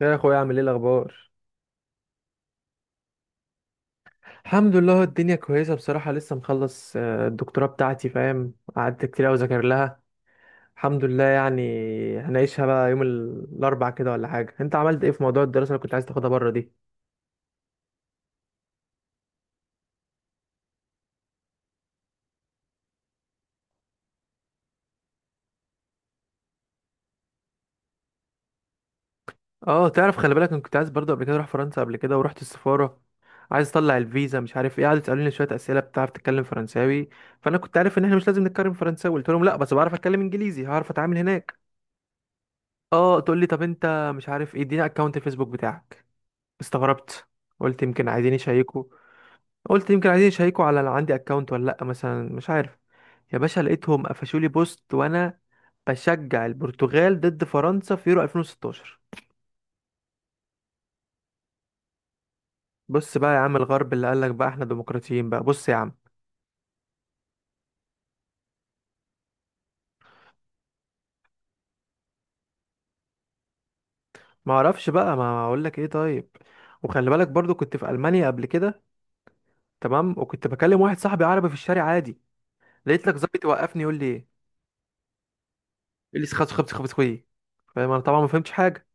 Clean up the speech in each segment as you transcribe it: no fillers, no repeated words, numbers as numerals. يا اخويا، عامل ايه الاخبار؟ الحمد لله الدنيا كويسه بصراحه. لسه مخلص الدكتوراه بتاعتي، فاهم؟ قعدت كتير قوي اذاكر لها الحمد لله يعني. هنعيشها بقى يوم الاربع كده ولا حاجه. انت عملت ايه في موضوع الدراسه اللي كنت عايز تاخدها بره دي؟ اه، تعرف، خلي بالك انا كنت عايز برضه قبل كده اروح فرنسا قبل كده ورحت السفاره، عايز اطلع الفيزا مش عارف ايه. قعدوا يسالوني شويه اسئله، بتعرف تتكلم فرنساوي؟ فانا كنت عارف ان احنا مش لازم نتكلم فرنساوي، قلت لهم لا بس بعرف اتكلم انجليزي هعرف اتعامل هناك. اه، تقول لي طب انت مش عارف ايه، اديني اكونت الفيسبوك بتاعك. استغربت، قلت يمكن عايزين يشيكوا، قلت يمكن عايزين يشيكوا على لو عندي اكونت ولا لا مثلا مش عارف. يا باشا لقيتهم قفشوا لي بوست وانا بشجع البرتغال ضد فرنسا في يورو 2016. بص بقى يا عم، الغرب اللي قال لك بقى احنا ديمقراطيين، بقى بص يا عم. ما اعرفش بقى ما اقول لك ايه طيب. وخلي بالك برضو كنت في المانيا قبل كده، تمام، وكنت بكلم واحد صاحبي عربي في الشارع عادي، لقيت لك ظابط يوقفني يقول لي ايه، يقول لي خبز خبز خبز خوي، فاهم؟ انا طبعا ما فهمتش حاجه.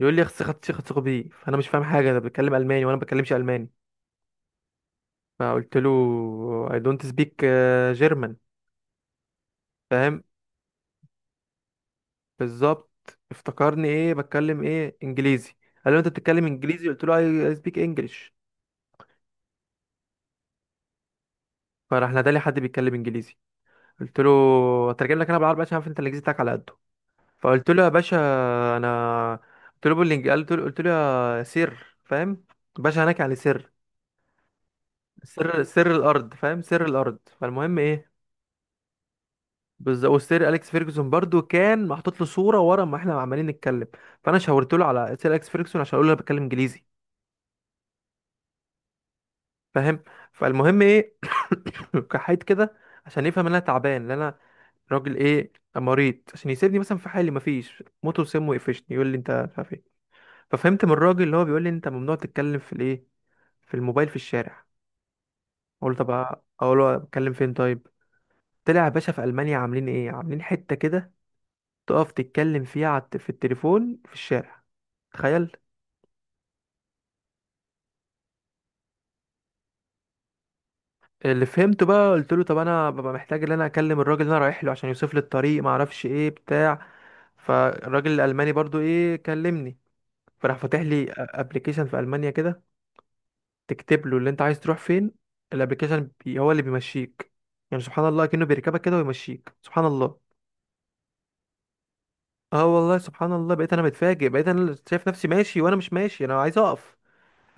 يقول لي اخس خدت خدت بي، فانا مش فاهم حاجه، انا بتكلم الماني وانا ما بتكلمش الماني. فقلت له I don't speak German، فاهم؟ بالظبط، افتكرني ايه، بتكلم ايه؟ انجليزي. قال له انت بتتكلم انجليزي؟ قلت له I I speak English. فراح نادى لي حد بيتكلم انجليزي، قلت له اترجم لك انا بالعربي عشان عارف انت الانجليزي بتاعك على قده. فقلت له يا باشا، انا قلت له بالانجليزي، قلت له يا سر، فاهم؟ باشا هناك يعني سر الارض، فاهم؟ سر الارض. فالمهم ايه، بالظبط، وسير اليكس فيرجسون برضو كان محطوط له صوره ورا ما احنا عمالين نتكلم، فانا شاورت له على سير اليكس فيرجسون عشان اقول له انا بتكلم انجليزي، فاهم؟ فالمهم ايه، كحيت كده عشان يفهم ان انا تعبان، ان انا راجل ايه، مريض، عشان يسيبني مثلا في حالي، مفيش. موته وسمه يقفشني، يقول لي انت مش عارف ايه. ففهمت من الراجل اللي هو بيقول لي انت ممنوع تتكلم في الايه، في الموبايل في الشارع. اقول له طب، اقول له اتكلم فين طيب؟ طلع يا باشا في المانيا عاملين ايه، عاملين حته كده تقف تتكلم فيها على في التليفون في الشارع، تخيل. اللي فهمته بقى، قلت له طب انا ببقى محتاج ان انا اكلم الراجل اللي انا رايح له عشان يوصف لي الطريق ما اعرفش ايه بتاع. فالراجل الالماني برضو ايه، كلمني، فراح فاتح لي ابلكيشن في المانيا كده، تكتب له اللي انت عايز تروح فين، الابلكيشن بي هو اللي بيمشيك. يعني سبحان الله، كأنه بيركبك كده ويمشيك، سبحان الله. اه والله سبحان الله، بقيت انا متفاجئ، بقيت انا اللي شايف نفسي ماشي وانا مش ماشي، انا عايز اقف.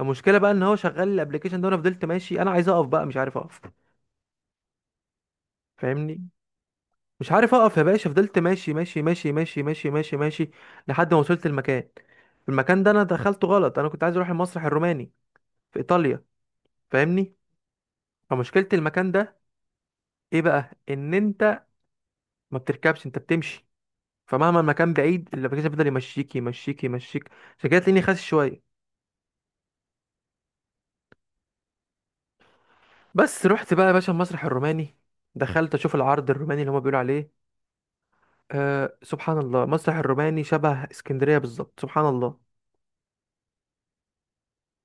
المشكله بقى ان هو شغال الابلكيشن ده، وانا فضلت ماشي، انا عايز اقف بقى مش عارف اقف، فاهمني؟ مش عارف اقف يا باشا، فضلت ماشي ماشي ماشي ماشي ماشي ماشي ماشي لحد ما وصلت المكان. المكان ده انا دخلته غلط، انا كنت عايز اروح المسرح الروماني في ايطاليا، فاهمني؟ فمشكلة المكان ده ايه بقى، ان انت ما بتركبش، انت بتمشي، فمهما المكان بعيد الابلكيشن بيفضل يمشيك يمشيك يمشيك. عشان كده تلاقيني خاسس شوية. بس رحت بقى يا باشا المسرح الروماني، دخلت اشوف العرض الروماني اللي هما بيقولوا عليه، أه سبحان الله، المسرح الروماني شبه اسكندرية بالظبط، سبحان الله،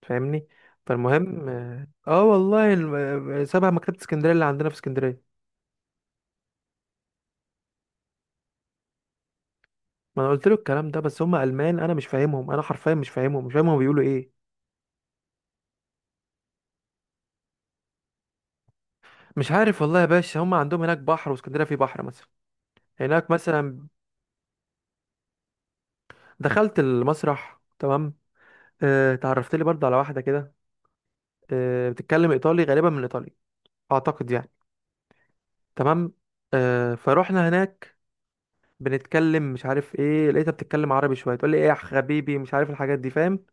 فاهمني؟ فالمهم اه آه والله سابها مكتبة اسكندرية اللي عندنا في اسكندرية. ما انا قلت له الكلام ده، بس هم المان، انا مش فاهمهم، انا حرفيا مش فاهمهم، مش فاهم هم بيقولوا ايه. مش عارف والله يا باشا، هم عندهم هناك بحر واسكندرية فيه بحر مثلا، هناك مثلا. دخلت المسرح، تمام، اه اتعرفت لي برضه على واحدة كده، اه بتتكلم ايطالي، غالبا من ايطاليا اعتقد يعني، تمام. اه فروحنا هناك، بنتكلم مش عارف ايه، لقيتها بتتكلم عربي شويه، تقول لي ايه يا حبيبي، مش عارف الحاجات دي، فاهم؟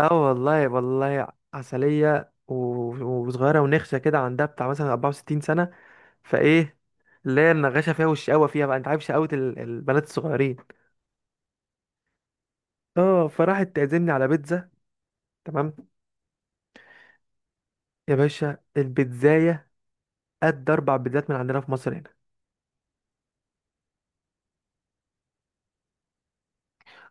اه والله والله. عسلية وصغيرة ونخشة كده، عندها بتاع مثلا 64 سنة، فايه اللي هي، النغاشة فيها والشقاوة فيها بقى، انت عارف شقاوة البنات الصغيرين. اه، فراحت تعزمني على بيتزا، تمام. يا باشا البيتزاية قد 4 بيتزات من عندنا في مصر هنا.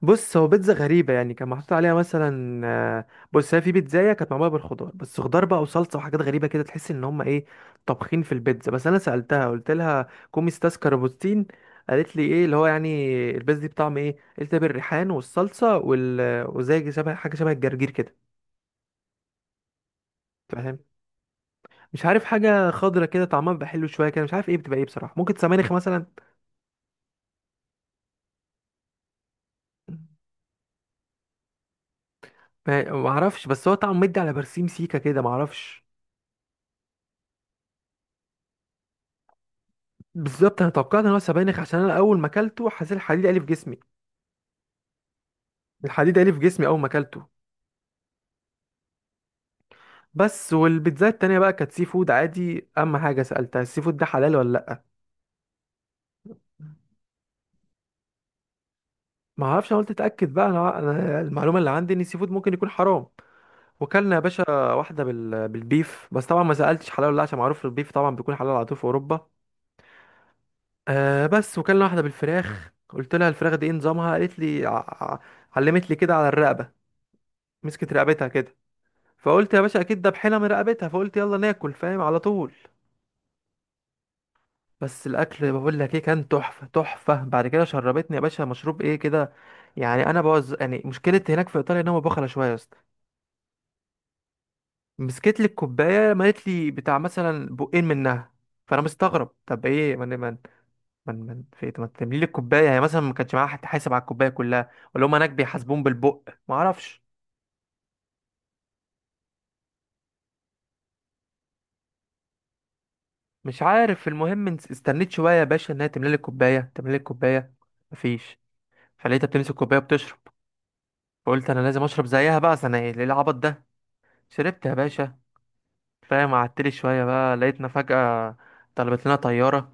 بص هو بيتزا غريبة يعني، كان محطوط عليها مثلا بص هي، في بيتزاية كانت معمولة بالخضار، بس خضار بقى وصلصة وحاجات غريبة كده، تحس ان هم ايه طابخين في البيتزا. بس انا سألتها قلت لها كوميستاس كاربوتين، قالت لي ايه اللي هو يعني، البيتزا دي بطعم ايه؟ قلت لها بالريحان والصلصة وال... وزي شبه حاجة شبه الجرجير كده، فاهم؟ مش عارف، حاجة خضرة كده طعمها بيبقى حلو شوية كده، مش عارف ايه بتبقى ايه بصراحة، ممكن سبانخ مثلا. ما اعرفش، بس هو طعمه مدي على برسيم سيكا كده، ما اعرفش. بالظبط، انا توقعت ان هو سبانخ عشان انا اول ما اكلته حسيت الحديد قالي في جسمي، الحديد قالي في جسمي اول ما اكلته. بس والبيتزا التانية بقى كانت سي فود عادي، اهم حاجة سألتها السي فود ده حلال ولا لا. ما اعرفش، انا قلت اتاكد بقى، أنا المعلومة اللي عندي ان السي فود ممكن يكون حرام. وكلنا يا باشا واحدة بالبيف، بس طبعا ما سألتش حلال ولا لا عشان معروف البيف طبعا بيكون حلال على طول في اوروبا. آه بس، وكلنا واحدة بالفراخ، قلت لها الفراخ دي ايه نظامها؟ قالت لي علمت لي كده على الرقبة، مسكت رقبتها كده، فقلت يا باشا اكيد ده بحيله من رقبتها، فقلت يلا ناكل، فاهم؟ على طول. بس الاكل بقول لك ايه، كان تحفه تحفه. بعد كده شربتني يا باشا مشروب ايه كده، يعني انا بوز يعني، مشكله هناك في ايطاليا ان هم بخله شويه يا اسطى، مسكت لي الكوبايه مالت لي بتاع مثلا بقين منها، فانا مستغرب طب ايه، من من في إيه؟ ما تملي لي الكوبايه يعني مثلا، ما كانش معاها حد حاسب على الكوبايه كلها، ولا هم هناك بيحاسبون بالبق ما اعرفش. مش عارف، المهم استنيت شويه يا باشا انها تملي لي الكوبايه، تملي لي الكوبايه، مفيش. فلقيتها بتمسك كوبايه وبتشرب، فقلت انا لازم اشرب زيها بقى، أصل انا ايه ليه العبط ده. شربت يا باشا، فاهم؟ قعدتلي شويه بقى لقيتنا فجاه طلبت لنا طياره،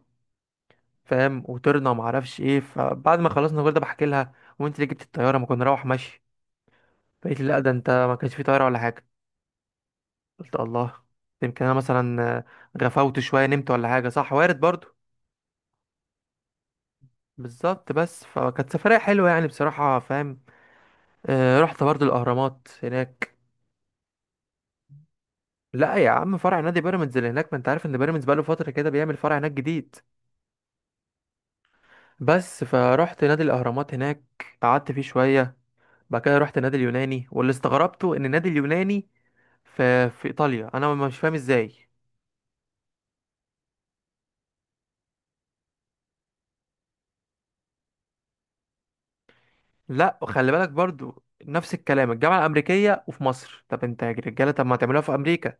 فاهم؟ وطرنا وما اعرفش ايه. فبعد ما خلصنا كل ده بحكي لها وانت اللي جبت الطياره ما كنا نروح ماشي، فقالت لي لا ده انت ما كانش في طياره ولا حاجه. قلت الله، يمكن انا مثلا غفوت شويه نمت ولا حاجه، صح، وارد برضو. بالظبط، بس فكانت سفريه حلوه يعني بصراحه، فاهم؟ رحت برضو الاهرامات هناك. لا يا عم، فرع نادي بيراميدز اللي هناك، ما انت عارف ان بيراميدز بقاله فتره كده بيعمل فرع هناك جديد. بس فرحت نادي الاهرامات هناك، قعدت فيه شويه، بعد كده رحت نادي اليوناني، واللي استغربته ان النادي اليوناني في ايطاليا، انا مش فاهم ازاي. لا وخلي بالك برضو نفس الكلام، الجامعه الامريكيه وفي مصر، طب انت يا رجاله طب ما تعملوها في امريكا.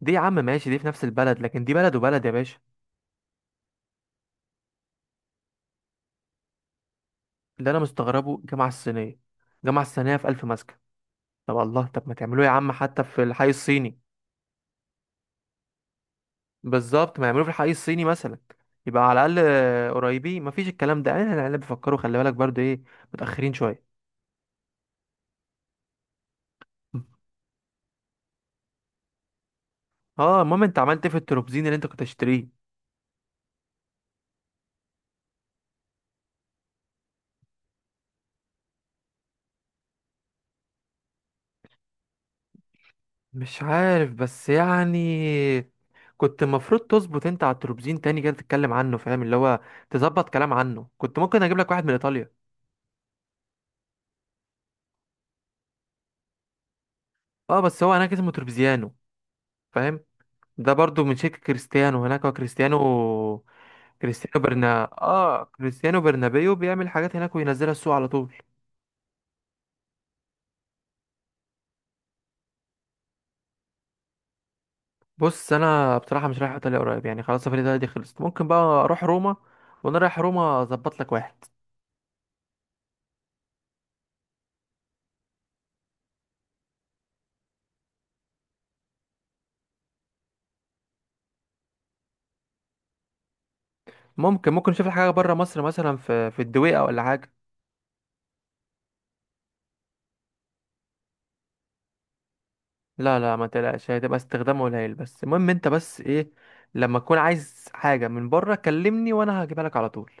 دي يا عم ماشي، دي في نفس البلد، لكن دي بلد وبلد يا باشا. اللي انا مستغربه الجامعه الصينيه، الجامعه الصينيه في الف مسكن، طب الله، طب ما تعملوه يا عم حتى في الحي الصيني. بالظبط، ما يعملوه في الحي الصيني مثلا، يبقى على الاقل قريبين، مفيش الكلام ده. اهل العيال بيفكروا، خلي بالك برضو ايه، متاخرين شويه. اه، المهم انت عملت ايه في التروبزين اللي انت كنت هتشتريه؟ مش عارف بس يعني، كنت المفروض تظبط انت على التروبزين تاني كده، تتكلم عنه فاهم، اللي هو تظبط كلام عنه، كنت ممكن اجيب لك واحد من ايطاليا. اه بس هو هناك اسمه تروبزيانو، فاهم؟ ده برضو من شركة كريستيانو هناك، هو كريستيانو، كريستيانو برنا اه كريستيانو برنابيو، بيعمل حاجات هناك وينزلها السوق على طول. بص انا بصراحه مش رايح ايطاليا قريب يعني، خلاص سفري ده دي خلصت، ممكن بقى اروح روما، وانا رايح روما اظبط لك واحد. ممكن ممكن نشوف لك حاجه بره مصر، مثلا في الدويقه ولا حاجه. لا لا ما تقلقش، هتبقى استخدام قليل، بس المهم انت بس ايه، لما تكون عايز حاجه من بره كلمني وانا هجيبها لك على طول.